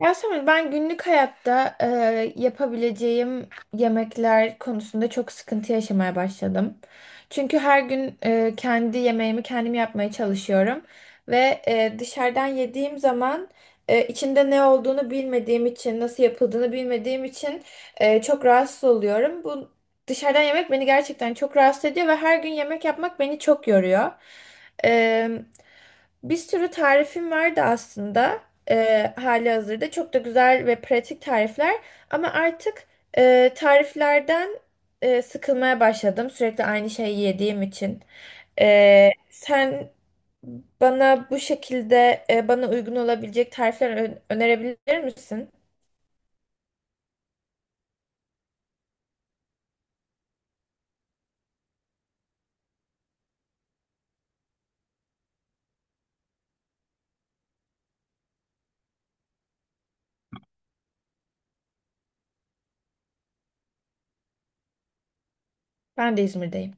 Yasemin, ben günlük hayatta yapabileceğim yemekler konusunda çok sıkıntı yaşamaya başladım. Çünkü her gün kendi yemeğimi kendim yapmaya çalışıyorum ve dışarıdan yediğim zaman içinde ne olduğunu bilmediğim için, nasıl yapıldığını bilmediğim için çok rahatsız oluyorum. Bu dışarıdan yemek beni gerçekten çok rahatsız ediyor ve her gün yemek yapmak beni çok yoruyor. E, Bir sürü tarifim vardı aslında hali hazırda. Çok da güzel ve pratik tarifler. Ama artık tariflerden sıkılmaya başladım. Sürekli aynı şeyi yediğim için. Sen bana bu şekilde bana uygun olabilecek tarifler önerebilir misin? Ben de İzmir'deyim.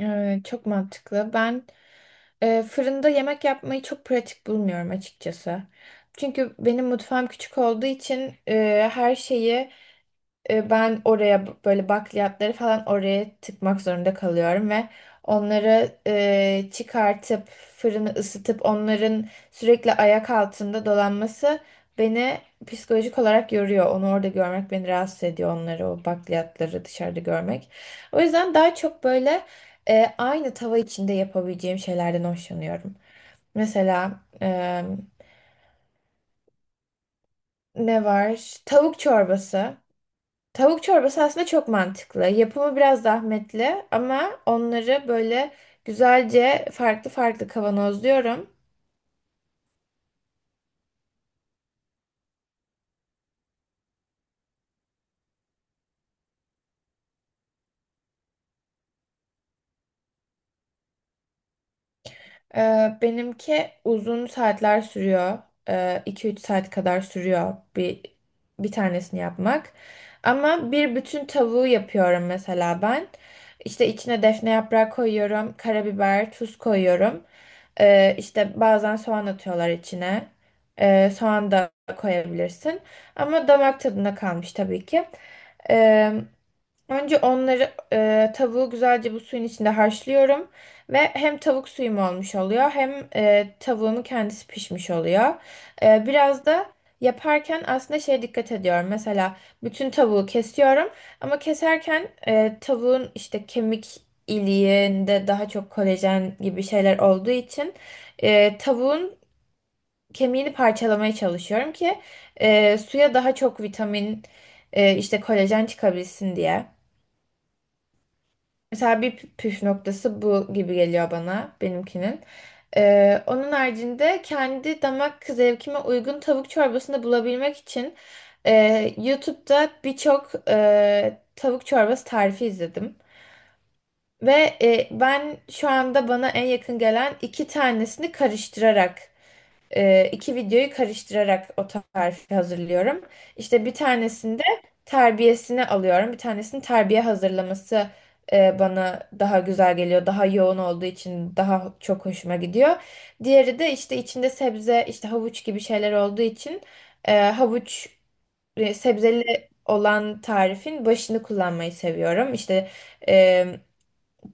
Evet, çok mantıklı. Ben fırında yemek yapmayı çok pratik bulmuyorum açıkçası. Çünkü benim mutfağım küçük olduğu için her şeyi ben oraya böyle bakliyatları falan oraya tıkmak zorunda kalıyorum ve onları çıkartıp fırını ısıtıp onların sürekli ayak altında dolanması beni psikolojik olarak yoruyor. Onu orada görmek beni rahatsız ediyor, onları o bakliyatları dışarıda görmek. O yüzden daha çok böyle aynı tava içinde yapabileceğim şeylerden hoşlanıyorum. Mesela ne var? Tavuk çorbası. Tavuk çorbası aslında çok mantıklı. Yapımı biraz zahmetli ama onları böyle güzelce farklı farklı kavanozluyorum. Benimki uzun saatler sürüyor. 2-3 saat kadar sürüyor bir tanesini yapmak. Ama bir bütün tavuğu yapıyorum mesela ben. İşte içine defne yaprağı koyuyorum, karabiber, tuz koyuyorum. İşte bazen soğan atıyorlar içine. Soğan da koyabilirsin. Ama damak tadına kalmış tabii ki. Önce onları tavuğu güzelce bu suyun içinde haşlıyorum ve hem tavuk suyum olmuş oluyor hem tavuğumun kendisi pişmiş oluyor. Biraz da yaparken aslında şeye dikkat ediyorum. Mesela bütün tavuğu kesiyorum ama keserken tavuğun işte kemik iliğinde daha çok kolajen gibi şeyler olduğu için tavuğun kemiğini parçalamaya çalışıyorum ki suya daha çok vitamin, işte kolajen çıkabilsin diye. Mesela bir püf noktası bu gibi geliyor bana benimkinin. Onun haricinde kendi damak zevkime uygun tavuk çorbasını bulabilmek için e, YouTube'da birçok tavuk çorbası tarifi izledim. Ve ben şu anda bana en yakın gelen iki tanesini karıştırarak, iki videoyu karıştırarak o tarifi hazırlıyorum. İşte bir tanesinde terbiyesini alıyorum. Bir tanesini terbiye hazırlaması bana daha güzel geliyor. Daha yoğun olduğu için daha çok hoşuma gidiyor. Diğeri de işte içinde sebze, işte havuç gibi şeyler olduğu için havuç, sebzeli olan tarifin başını kullanmayı seviyorum. İşte e,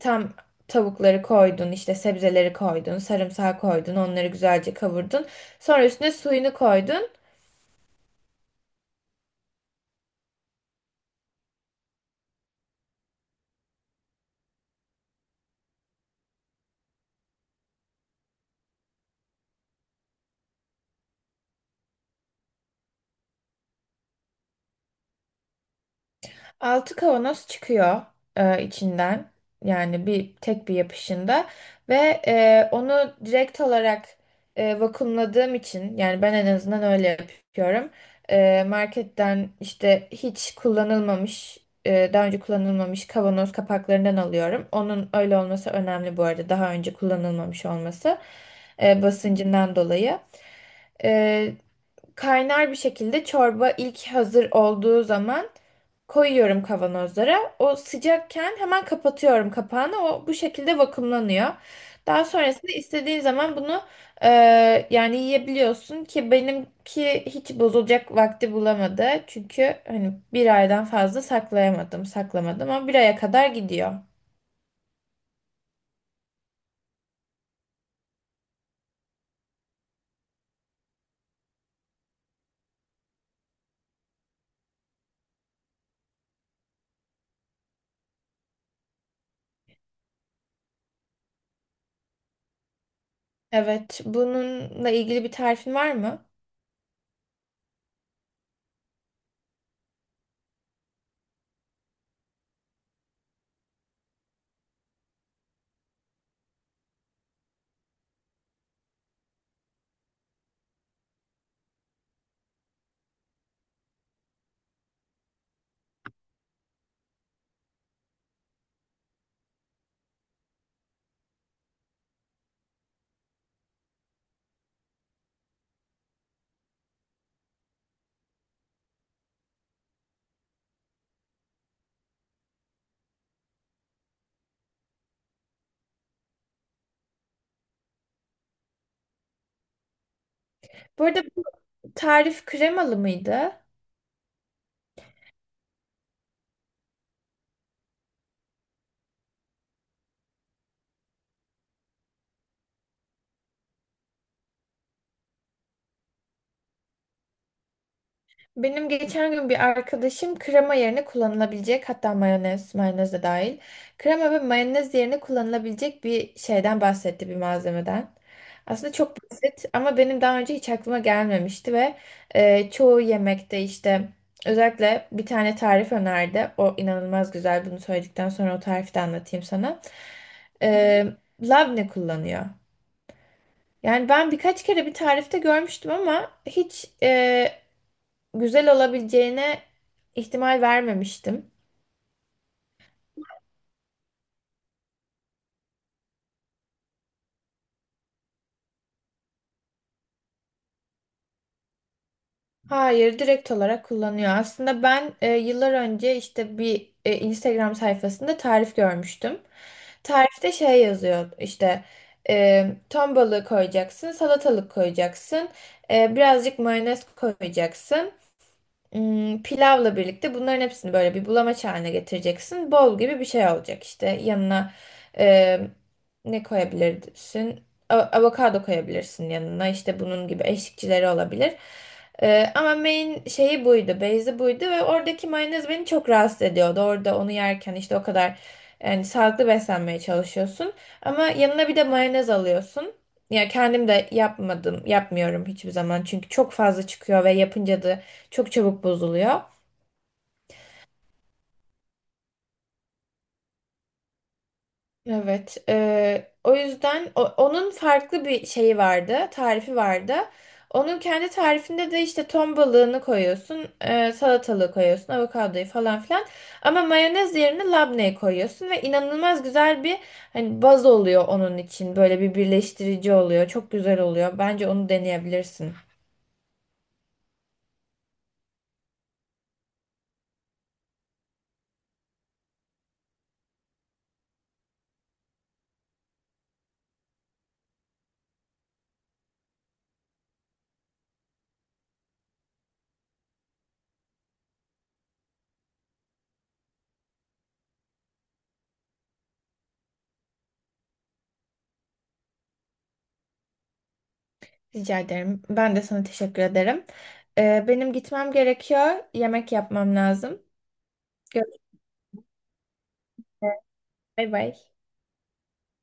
tam tavukları koydun, işte sebzeleri koydun, sarımsağı koydun, onları güzelce kavurdun. Sonra üstüne suyunu koydun. Altı kavanoz çıkıyor içinden. Yani bir tek bir yapışında, ve onu direkt olarak vakumladığım için yani ben en azından öyle yapıyorum. Marketten işte hiç kullanılmamış, daha önce kullanılmamış kavanoz kapaklarından alıyorum. Onun öyle olması önemli bu arada, daha önce kullanılmamış olması, basıncından dolayı. E, Kaynar bir şekilde çorba ilk hazır olduğu zaman koyuyorum kavanozlara. O sıcakken hemen kapatıyorum kapağını. O bu şekilde vakumlanıyor. Daha sonrasında istediğin zaman bunu e, yani yiyebiliyorsun ki benimki hiç bozulacak vakti bulamadı. Çünkü hani bir aydan fazla saklayamadım, saklamadım, ama bir aya kadar gidiyor. Evet, bununla ilgili bir tarifin var mı? Bu arada bu tarif kremalı mıydı? Benim geçen gün bir arkadaşım krema yerine kullanılabilecek, hatta mayonez, mayonez de dahil, krema ve mayonez yerine kullanılabilecek bir şeyden bahsetti, bir malzemeden. Aslında çok basit ama benim daha önce hiç aklıma gelmemişti ve çoğu yemekte işte özellikle bir tane tarif önerdi. O inanılmaz güzel. Bunu söyledikten sonra o tarifi de anlatayım sana. E, Labne kullanıyor. Yani ben birkaç kere bir tarifte görmüştüm ama hiç güzel olabileceğine ihtimal vermemiştim. Hayır, direkt olarak kullanıyor. Aslında ben yıllar önce işte bir, Instagram sayfasında tarif görmüştüm. Tarifte şey yazıyor işte, ton balığı koyacaksın, salatalık koyacaksın, birazcık mayonez koyacaksın. Pilavla birlikte bunların hepsini böyle bir bulamaç haline getireceksin. Bol gibi bir şey olacak işte. Yanına e, ne koyabilirsin? Avokado koyabilirsin yanına. İşte bunun gibi eşlikçileri olabilir. Ama main şeyi buydu. Base'i buydu ve oradaki mayonez beni çok rahatsız ediyordu. Orada onu yerken işte o kadar, yani sağlıklı beslenmeye çalışıyorsun ama yanına bir de mayonez alıyorsun. Ya kendim de yapmadım, yapmıyorum hiçbir zaman. Çünkü çok fazla çıkıyor ve yapınca da çok çabuk bozuluyor. Evet. O yüzden onun farklı bir şeyi vardı, tarifi vardı. Onun kendi tarifinde de işte ton balığını koyuyorsun, salatalığı koyuyorsun, avokadoyu falan filan. Ama mayonez yerine labneyi koyuyorsun ve inanılmaz güzel bir, hani, baz oluyor onun için. Böyle bir birleştirici oluyor. Çok güzel oluyor. Bence onu deneyebilirsin. Rica ederim. Ben de sana teşekkür ederim. Benim gitmem gerekiyor. Yemek yapmam lazım. Görüşürüz. Bay bay.